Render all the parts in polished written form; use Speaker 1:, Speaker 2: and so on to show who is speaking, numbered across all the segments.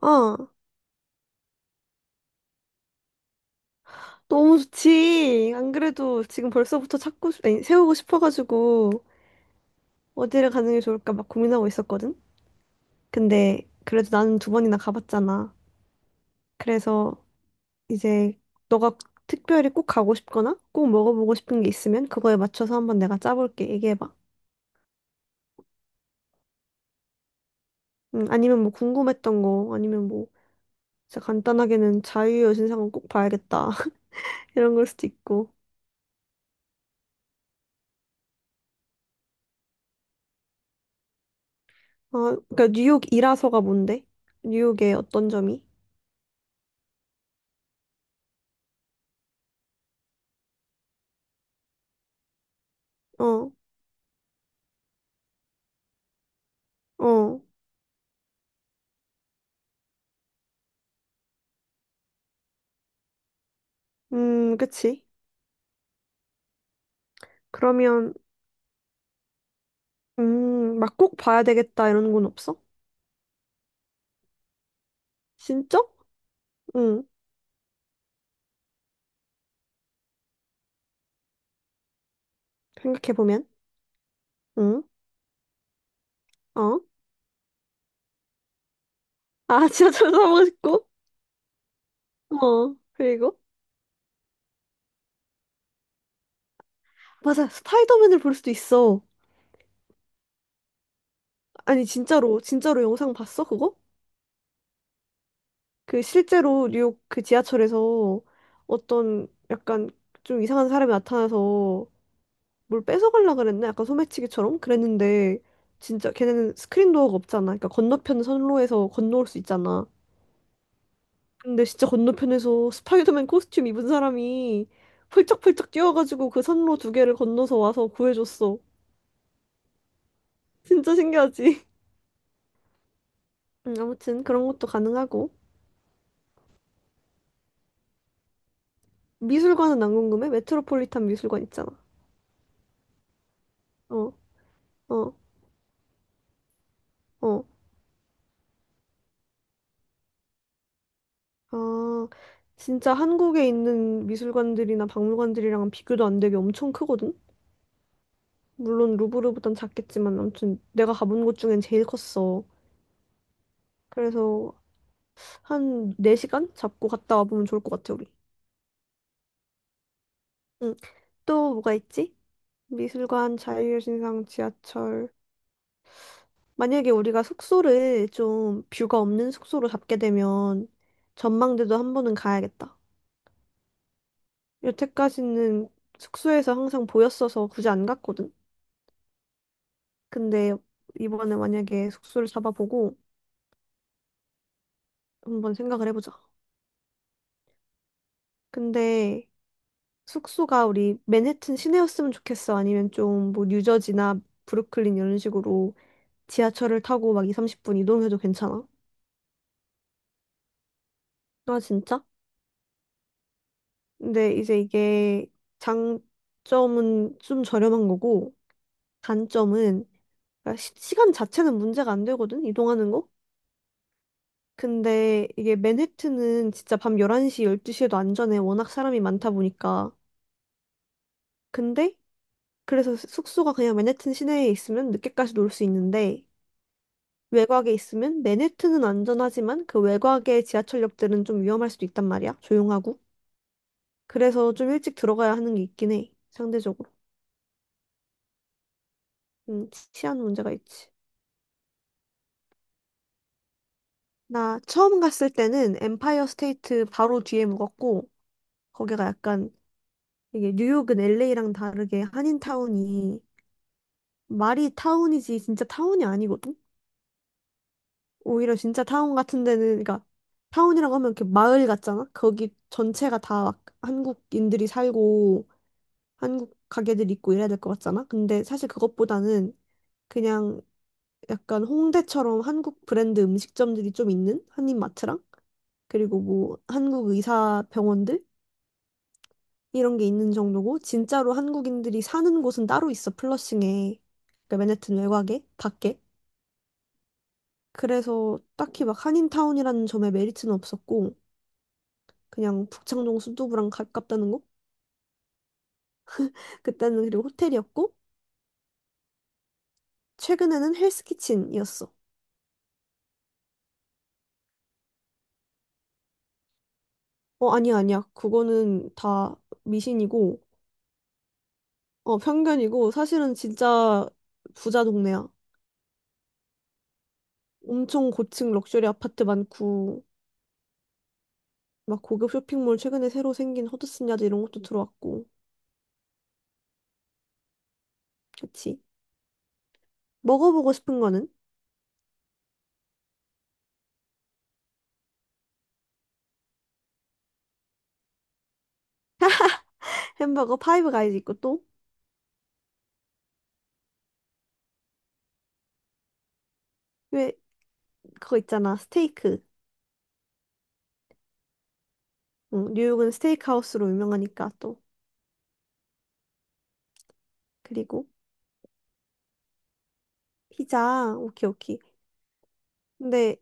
Speaker 1: 아, 너무 좋지. 안 그래도 지금 벌써부터 찾고, 싶- 아니, 세우고 싶어가지고 어디를 가는 게 좋을까 막 고민하고 있었거든. 근데 그래도 나는 두 번이나 가봤잖아. 그래서 이제 너가 특별히 꼭 가고 싶거나 꼭 먹어보고 싶은 게 있으면 그거에 맞춰서 한번 내가 짜볼게. 얘기해봐. 아니면 뭐 궁금했던 거, 아니면 뭐 진짜 간단하게는 자유여신상은 꼭 봐야겠다. 이런 걸 수도 있고. 아, 그러니까 뉴욕이라서가 뭔데? 뉴욕의 어떤 점이? 어, 어. 그치. 그러면, 막 꼭 봐야 되겠다 이런 건 없어? 진짜? 응, 생각해보면. 응, 어? 아, 지하철아보고 싶고? 어, 그리고? 맞아, 스파이더맨을 볼 수도 있어. 아니, 진짜로, 진짜로 영상 봤어, 그거? 그 실제로 뉴욕 그 지하철에서 어떤 약간 좀 이상한 사람이 나타나서 뭘 뺏어가려고 그랬나? 약간 소매치기처럼? 그랬는데, 진짜 걔네는 스크린 도어가 없잖아. 그러니까 건너편 선로에서 건너올 수 있잖아. 근데 진짜 건너편에서 스파이더맨 코스튬 입은 사람이 펄쩍펄쩍 뛰어가지고 그 선로 두 개를 건너서 와서 구해줬어. 진짜 신기하지? 아무튼 그런 것도 가능하고. 미술관은 안 궁금해? 메트로폴리탄 미술관 있잖아. 어, 어, 어. 아, 진짜 한국에 있는 미술관들이나 박물관들이랑은 비교도 안 되게 엄청 크거든? 물론 루브르보단 작겠지만 아무튼 내가 가본 곳 중엔 제일 컸어. 그래서 한 4시간 잡고 갔다 와보면 좋을 것 같아, 우리. 응. 또 뭐가 있지? 미술관, 자유여신상, 지하철. 만약에 우리가 숙소를 좀 뷰가 없는 숙소로 잡게 되면 전망대도 한 번은 가야겠다. 여태까지는 숙소에서 항상 보였어서 굳이 안 갔거든. 근데 이번에 만약에 숙소를 잡아보고 한번 생각을 해보자. 근데 숙소가 우리 맨해튼 시내였으면 좋겠어. 아니면 좀 뭐 뉴저지나 브루클린 이런 식으로 지하철을 타고 막 2, 30분 이동해도 괜찮아? 아, 진짜? 근데 이제 이게 장점은 좀 저렴한 거고 단점은 그러니까 시간 자체는 문제가 안 되거든 이동하는 거. 근데 이게 맨해튼은 진짜 밤 11시, 12시에도 안전해. 워낙 사람이 많다 보니까. 근데 그래서 숙소가 그냥 맨해튼 시내에 있으면 늦게까지 놀 수 있는데 외곽에 있으면 맨해튼은 안전하지만 그 외곽의 지하철역들은 좀 위험할 수도 있단 말이야. 조용하고. 그래서 좀 일찍 들어가야 하는 게 있긴 해. 상대적으로. 치안 문제가 있지. 나 처음 갔을 때는 엠파이어 스테이트 바로 뒤에 묵었고, 거기가 약간, 이게 뉴욕은 LA랑 다르게 한인타운이 말이 타운이지 진짜 타운이 아니거든? 오히려 진짜 타운 같은 데는, 그러니까 타운이라고 하면 이렇게 마을 같잖아? 거기 전체가 다 막 한국인들이 살고 한국 가게들 있고 이래야 될 것 같잖아? 근데 사실 그것보다는 그냥 약간 홍대처럼 한국 브랜드 음식점들이 좀 있는 한인마트랑 그리고 뭐 한국 의사 병원들? 이런 게 있는 정도고 진짜로 한국인들이 사는 곳은 따로 있어 플러싱에 그 맨해튼 외곽에 밖에 그래서 딱히 막 한인타운이라는 점에 메리트는 없었고 그냥 북창동 순두부랑 가깝다는 거 그때는 그리고 호텔이었고 최근에는 헬스키친이었어. 어, 아니야 아니야 그거는 다 미신이고 어, 편견이고 사실은 진짜 부자 동네야. 엄청 고층 럭셔리 아파트 많고 막 고급 쇼핑몰 최근에 새로 생긴 허드슨 야드 이런 것도 들어왔고 그치. 먹어보고 싶은 거는 햄버거 파이브 가이즈 있고 또 왜 그거 있잖아 스테이크. 응, 뉴욕은 스테이크하우스로 유명하니까 또 그리고 피자 오케이 오케이. 근데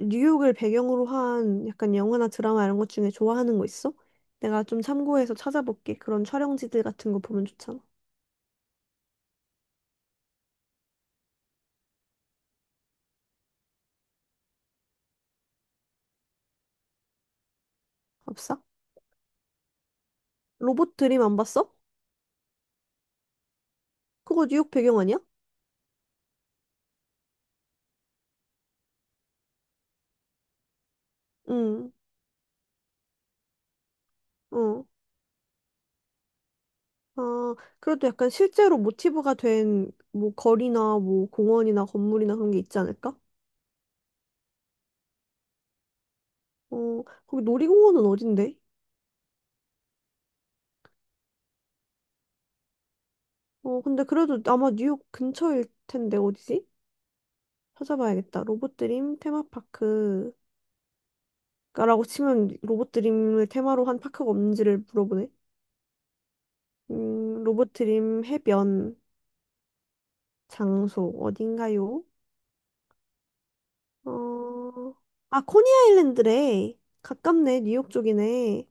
Speaker 1: 뉴욕을 배경으로 한 약간 영화나 드라마 이런 것 중에 좋아하는 거 있어? 내가 좀 참고해서 찾아볼게. 그런 촬영지들 같은 거 보면 좋잖아. 없어? 로봇 드림 안 봤어? 그거 뉴욕 배경 아니야? 응, 어. 아, 그래도 약간 실제로 모티브가 된 뭐 거리나 뭐 공원이나 건물이나 그런 게 있지 않을까? 어, 거기 놀이공원은 어딘데? 어, 근데 그래도 아마 뉴욕 근처일 텐데 어디지? 찾아봐야겠다. 로봇드림 테마파크라고 치면 로봇드림을 테마로 한 파크가 없는지를 물어보네. 로봇드림 해변 장소 어딘가요? 어, 아, 코니아일랜드래. 가깝네. 뉴욕 쪽이네.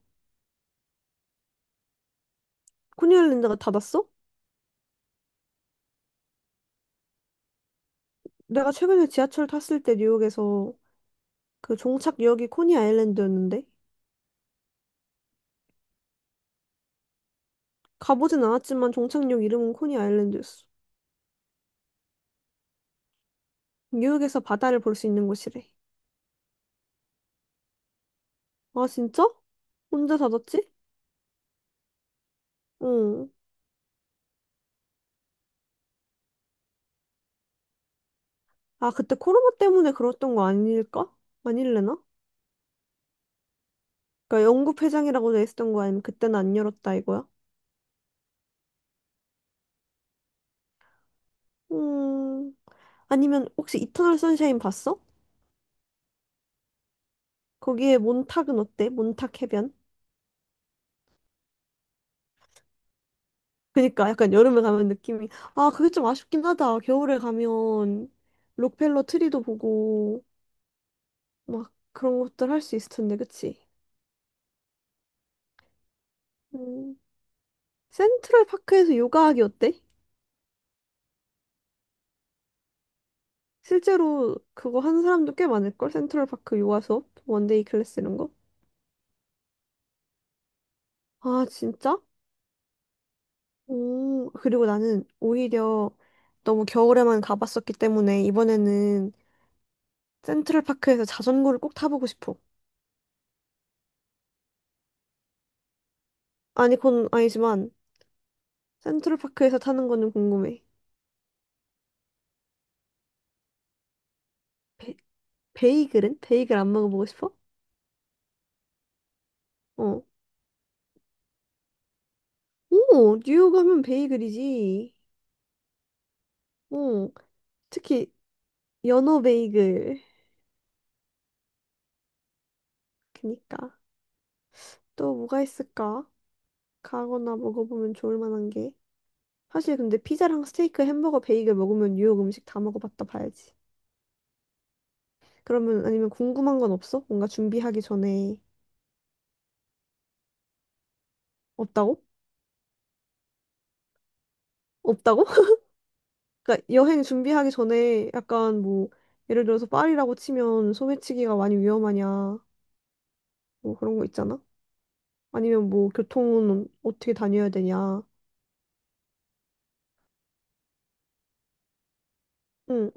Speaker 1: 코니아일랜드가 닫았어? 내가 최근에 지하철 탔을 때 뉴욕에서 그 종착역이 코니아일랜드였는데? 가보진 않았지만 종착역 이름은 코니 아일랜드였어. 뉴욕에서 바다를 볼 수 있는 곳이래. 아, 진짜? 혼자 살았지? 응. 아, 그때 코로나 때문에 그랬던 거 아닐까? 아닐래나? 그러니까 영국 회장이라고 돼 있었던 거 아니면 그때는 안 열었다 이거야? 음. 아니면 혹시 이터널 선샤인 봤어? 거기에 몬탁은 어때? 몬탁 해변? 그니까 약간 여름에 가면 느낌이 아, 그게 좀 아쉽긴 하다. 겨울에 가면 록펠러 트리도 보고 막 그런 것들 할 수 있을 텐데, 그치? 음. 센트럴 파크에서 요가하기 어때? 실제로 그거 하는 사람도 꽤 많을걸? 센트럴 파크 요가 수업? 원데이 클래스 이런 거? 아, 진짜? 오, 그리고 나는 오히려 너무 겨울에만 가봤었기 때문에 이번에는 센트럴 파크에서 자전거를 꼭 타보고 싶어. 아니, 그건 아니지만 센트럴 파크에서 타는 거는 궁금해. 베, 베이글은? 베이글 안 먹어보고 싶어? 어. 오, 뉴욕 하면 베이글이지. 어, 특히 연어 베이글. 그니까. 또 뭐가 있을까? 가거나 먹어보면 좋을 만한 게. 사실 근데 피자랑 스테이크, 햄버거, 베이글 먹으면 뉴욕 음식 다 먹어봤다 봐야지. 그러면 아니면 궁금한 건 없어? 뭔가 준비하기 전에 없다고? 없다고? 그러니까 여행 준비하기 전에 약간 뭐 예를 들어서 파리라고 치면 소매치기가 많이 위험하냐 뭐 그런 거 있잖아? 아니면 뭐 교통은 어떻게 다녀야 되냐? 응.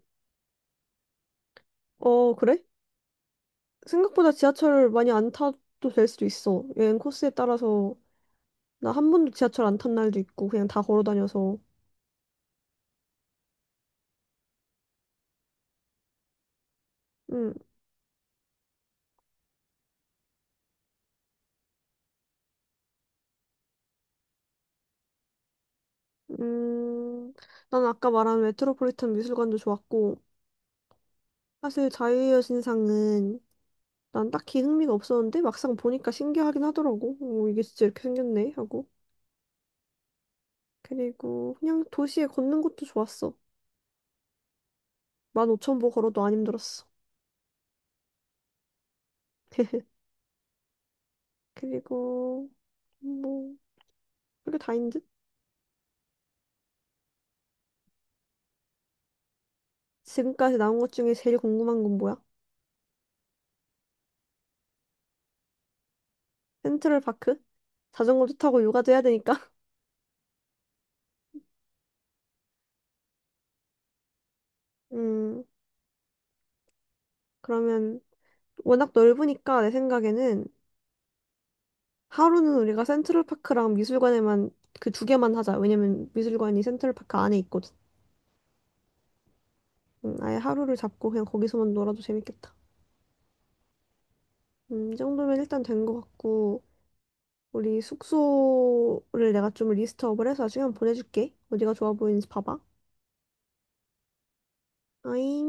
Speaker 1: 어, 그래? 생각보다 지하철 많이 안 타도 될 수도 있어. 여행 코스에 따라서 나 한 번도 지하철 안 탄 날도 있고 그냥 다 걸어 다녀서. 음, 음, 난 아까 말한 메트로폴리탄 미술관도 좋았고 사실 자유의 여신상은 난 딱히 흥미가 없었는데 막상 보니까 신기하긴 하더라고. 오, 이게 진짜 이렇게 생겼네 하고. 그리고 그냥 도시에 걷는 것도 좋았어. 15,000보 걸어도 안 힘들었어. 그리고 뭐 그게 다인 듯? 지금까지 나온 것 중에 제일 궁금한 건 뭐야? 센트럴 파크? 자전거도 타고 요가도 해야 되니까. 음, 그러면 워낙 넓으니까 내 생각에는 하루는 우리가 센트럴파크랑 미술관에만 그 두 개만 하자. 왜냐면 미술관이 센트럴파크 안에 있거든. 아예 하루를 잡고 그냥 거기서만 놀아도 재밌겠다. 이 정도면 일단 된 것 같고 우리 숙소를 내가 좀 리스트업을 해서 시간 보내줄게. 어디가 좋아 보이는지 봐봐. 아잉.